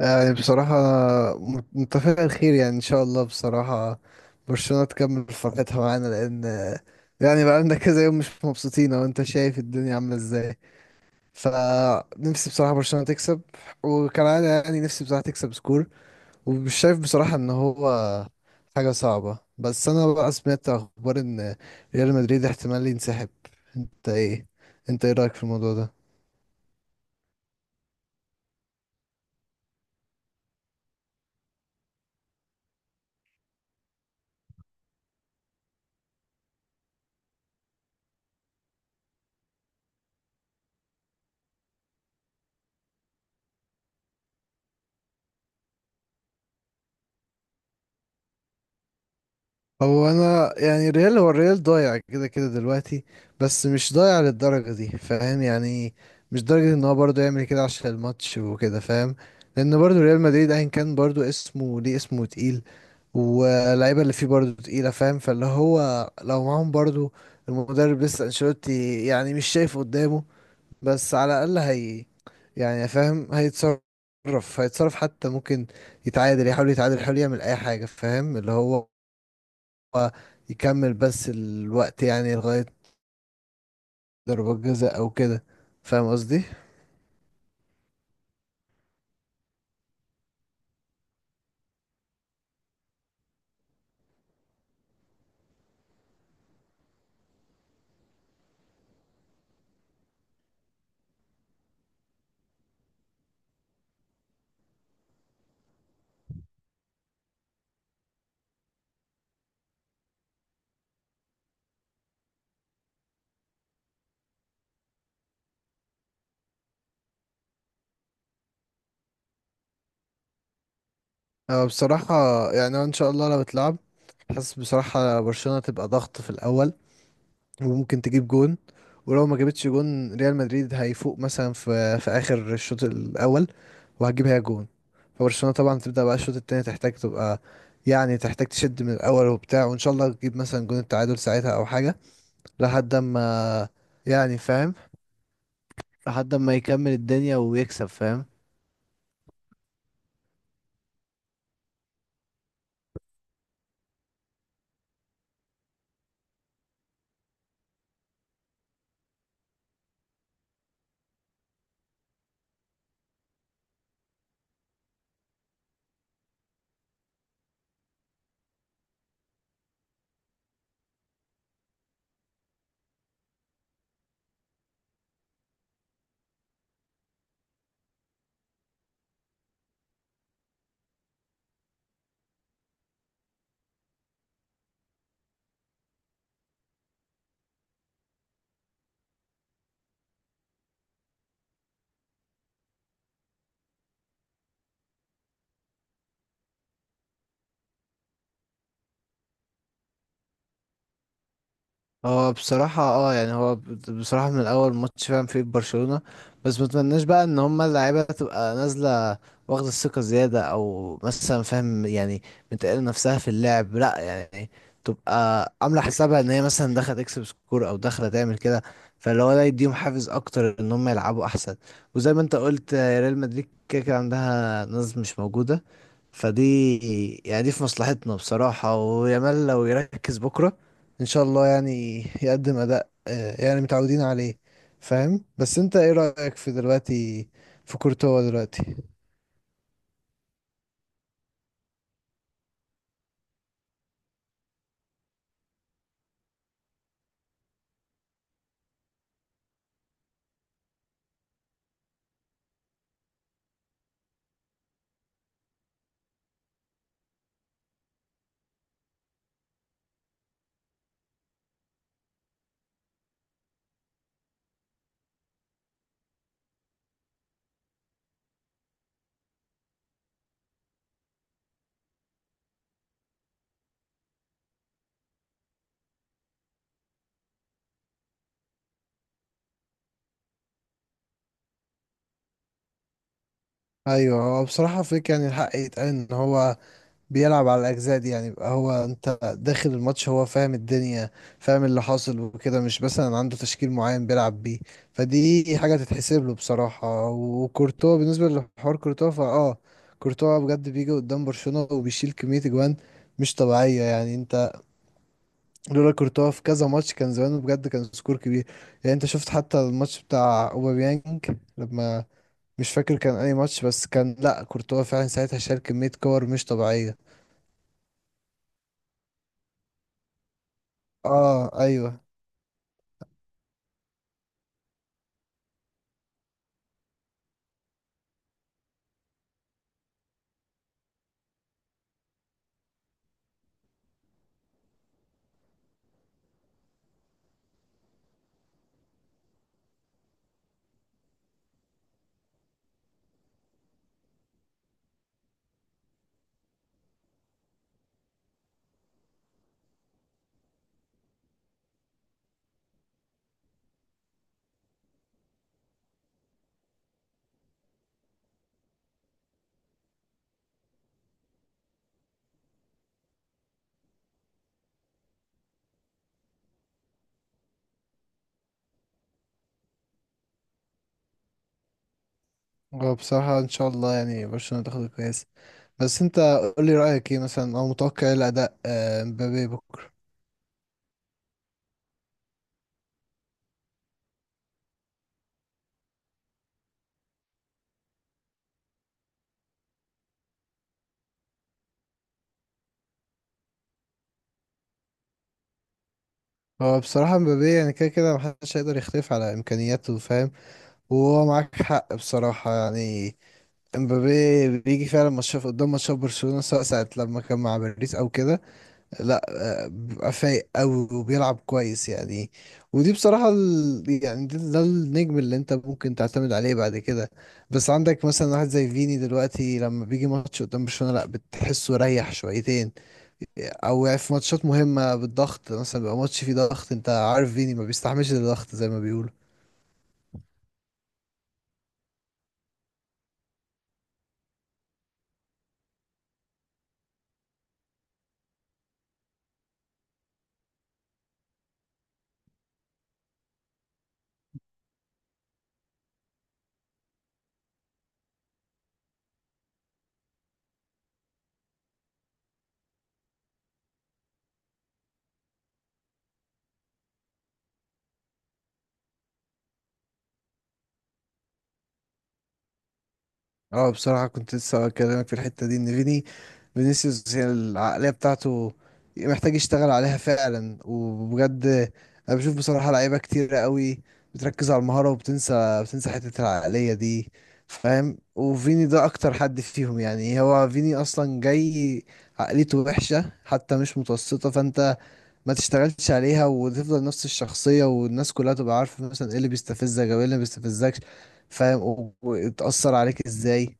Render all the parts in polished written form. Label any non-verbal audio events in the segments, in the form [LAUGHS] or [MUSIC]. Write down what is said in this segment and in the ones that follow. يعني بصراحة متفق الخير، يعني إن شاء الله، بصراحة برشلونة تكمل فرحتها معانا، لأن يعني بقالنا كذا يوم مش مبسوطين، أو أنت شايف الدنيا عاملة إزاي. فنفسي بصراحة برشلونة تكسب، وكان يعني نفسي بصراحة تكسب سكور، ومش شايف بصراحة إن هو حاجة صعبة. بس أنا بقى سمعت أخبار إن ريال مدريد احتمال ينسحب. أنت إيه أنت إيه رأيك في الموضوع ده؟ هو انا يعني هو الريال ضايع كده كده دلوقتي، بس مش ضايع للدرجة دي، فاهم يعني؟ مش درجة ان هو برضه يعمل كده عشان الماتش وكده، فاهم؟ لان برضه ريال مدريد ايا كان برضه اسمه، ليه اسمه تقيل، واللعيبة اللي فيه برضه تقيلة، فاهم؟ فاللي هو لو معاهم برضه المدرب لسه انشيلوتي، يعني مش شايف قدامه. بس على الاقل هي يعني، فاهم، هيتصرف. هيتصرف حتى ممكن يتعادل، يحاول يعمل اي حاجة، فاهم؟ اللي هو هو يكمل بس الوقت، يعني لغاية ضربات جزاء أو كده، فاهم قصدي؟ أه بصراحة، يعني هو إن شاء الله لو اتلعب، حاسس بصراحة برشلونة تبقى ضغط في الأول وممكن تجيب جون. ولو ما جابتش جون، ريال مدريد هيفوق مثلا في آخر الشوط الأول وهتجيب هي جون. فبرشلونة طبعا تبدأ بقى الشوط التاني، تحتاج تبقى، يعني تحتاج تشد من الأول وبتاع، وإن شاء الله تجيب مثلا جون التعادل ساعتها أو حاجة، لحد ما يعني، فاهم، لحد ما يكمل الدنيا ويكسب، فاهم؟ هو بصراحة، اه يعني هو بصراحة من الأول ماتش فاهم فيه برشلونة. بس متمناش بقى إن هما اللعيبة تبقى نازلة واخدة الثقة زيادة، أو مثلا، فاهم يعني، متقلة نفسها في اللعب، لأ يعني، تبقى عاملة حسابها إن هي مثلا داخلة تكسب سكور أو داخلة تعمل كده. فاللي هو ده يديهم حافز أكتر إن هما يلعبوا أحسن. وزي ما أنت قلت، آه، ريال مدريد كده كده عندها ناس مش موجودة، فدي، يعني دي في مصلحتنا بصراحة. ويامال لو يركز بكرة، ان شاء الله يعني يقدم اداء، آه، يعني متعودين عليه. فاهم؟ بس انت ايه رأيك في دلوقتي في كورتوا دلوقتي؟ ايوه، هو بصراحة فيك يعني الحق يتقال، ان هو بيلعب على الاجزاء دي، يعني يبقى هو، انت داخل الماتش، هو فاهم الدنيا، فاهم اللي حاصل وكده، مش مثلا عنده تشكيل معين بيلعب بيه. فدي حاجة تتحسب له بصراحة. وكورتوا، بالنسبة لحوار كورتوا، فاه، كورتوا بجد بيجي قدام برشلونة وبيشيل كمية اجوان مش طبيعية. يعني انت لولا كورتوا في كذا ماتش، كان زمانه بجد كان سكور كبير. يعني انت شفت حتى الماتش بتاع اوباميانج لما، مش فاكر كان اي ماتش، بس كان لا كورتوا فعلا ساعتها شال كمية كور مش طبيعية. اه ايوه. هو بصراحة ان شاء الله يعني برشلونة تاخد الكاس. بس انت قول لي رأيك ايه مثلا، او متوقع ايه الاداء، آه، مبابي بكرة؟ هو بصراحة مبابي، يعني كده كده محدش هيقدر يختلف على امكانياته، فاهم؟ هو معاك حق بصراحة يعني. امبابي بيجي فعلا ماتشات قدام ماتشات برشلونة، سواء ساعة لما كان مع باريس او كده، لا، آه، بيبقى فايق قوي وبيلعب كويس يعني. ودي بصراحة يعني ده النجم اللي انت ممكن تعتمد عليه بعد كده. بس عندك مثلا واحد زي فيني دلوقتي، لما بيجي ماتش قدام برشلونة، لا بتحسه ريح شويتين. او يعني في ماتشات مهمة بالضغط، مثلا بيبقى ماتش فيه ضغط، انت عارف فيني ما بيستحملش الضغط زي ما بيقولوا. اه بصراحة كنت لسه اكلمك في الحتة دي، ان فيني، فينيسيوس، هي العقلية بتاعته محتاج يشتغل عليها فعلا وبجد. انا بشوف بصراحة لعيبة كتير قوي بتركز على المهارة وبتنسى، حتة العقلية دي، فاهم؟ وفيني ده اكتر حد فيهم، يعني هو فيني اصلا جاي عقليته وحشة، حتى مش متوسطة. فانت ما تشتغلش عليها، وتفضل نفس الشخصية، والناس كلها تبقى عارفة مثلا ايه اللي بيستفزك او ايه اللي ما بيستفزكش، فاهم؟ وتأثر عليك ازاي.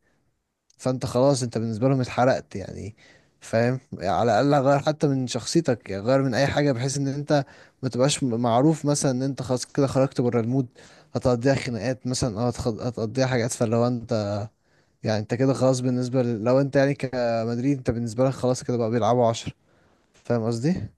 فانت خلاص، انت بالنسبه لهم اتحرقت يعني، فاهم؟ على الاقل غير حتى من شخصيتك، يعني غير من اي حاجه، بحيث ان انت ما تبقاش معروف مثلا ان انت خلاص كده خرجت بره المود. هتقضيها خناقات مثلا، او هتقضيها حاجات. فلو انت، يعني انت كده خلاص بالنسبه لو انت يعني كمدريد، انت بالنسبه لك خلاص كده بقى بيلعبوا عشرة، فاهم قصدي؟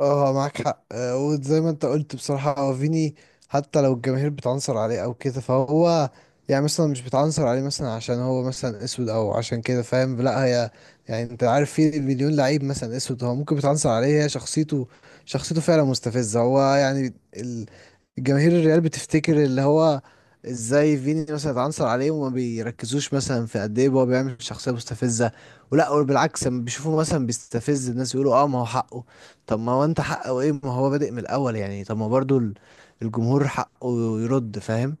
اه معاك حق، آه، وزي ما انت قلت بصراحة، هو فيني حتى لو الجماهير بتعنصر عليه او كده، فهو يعني مثلا مش بتعنصر عليه مثلا عشان هو مثلا اسود، او عشان كده، فاهم؟ لا، هي يعني، انت عارف في مليون لعيب مثلا اسود، هو ممكن بتعنصر عليه، هي شخصيته، شخصيته فعلا مستفزة. هو يعني الجماهير الريال بتفتكر اللي هو ازاي فيني مثلا اتعنصر عليه، وما بيركزوش مثلا في قد ايه هو بيعمل شخصية مستفزة. ولا بالعكس لما بيشوفوه مثلا بيستفز الناس يقولوا اه ما هو حقه. طب ما هو انت حقه ايه؟ ما هو بادئ من الاول، يعني طب ما برضو الجمهور حقه يرد، فاهم؟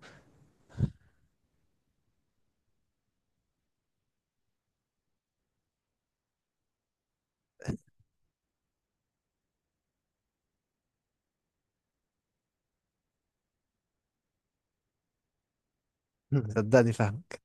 [LAUGHS] صدقني فاهمك.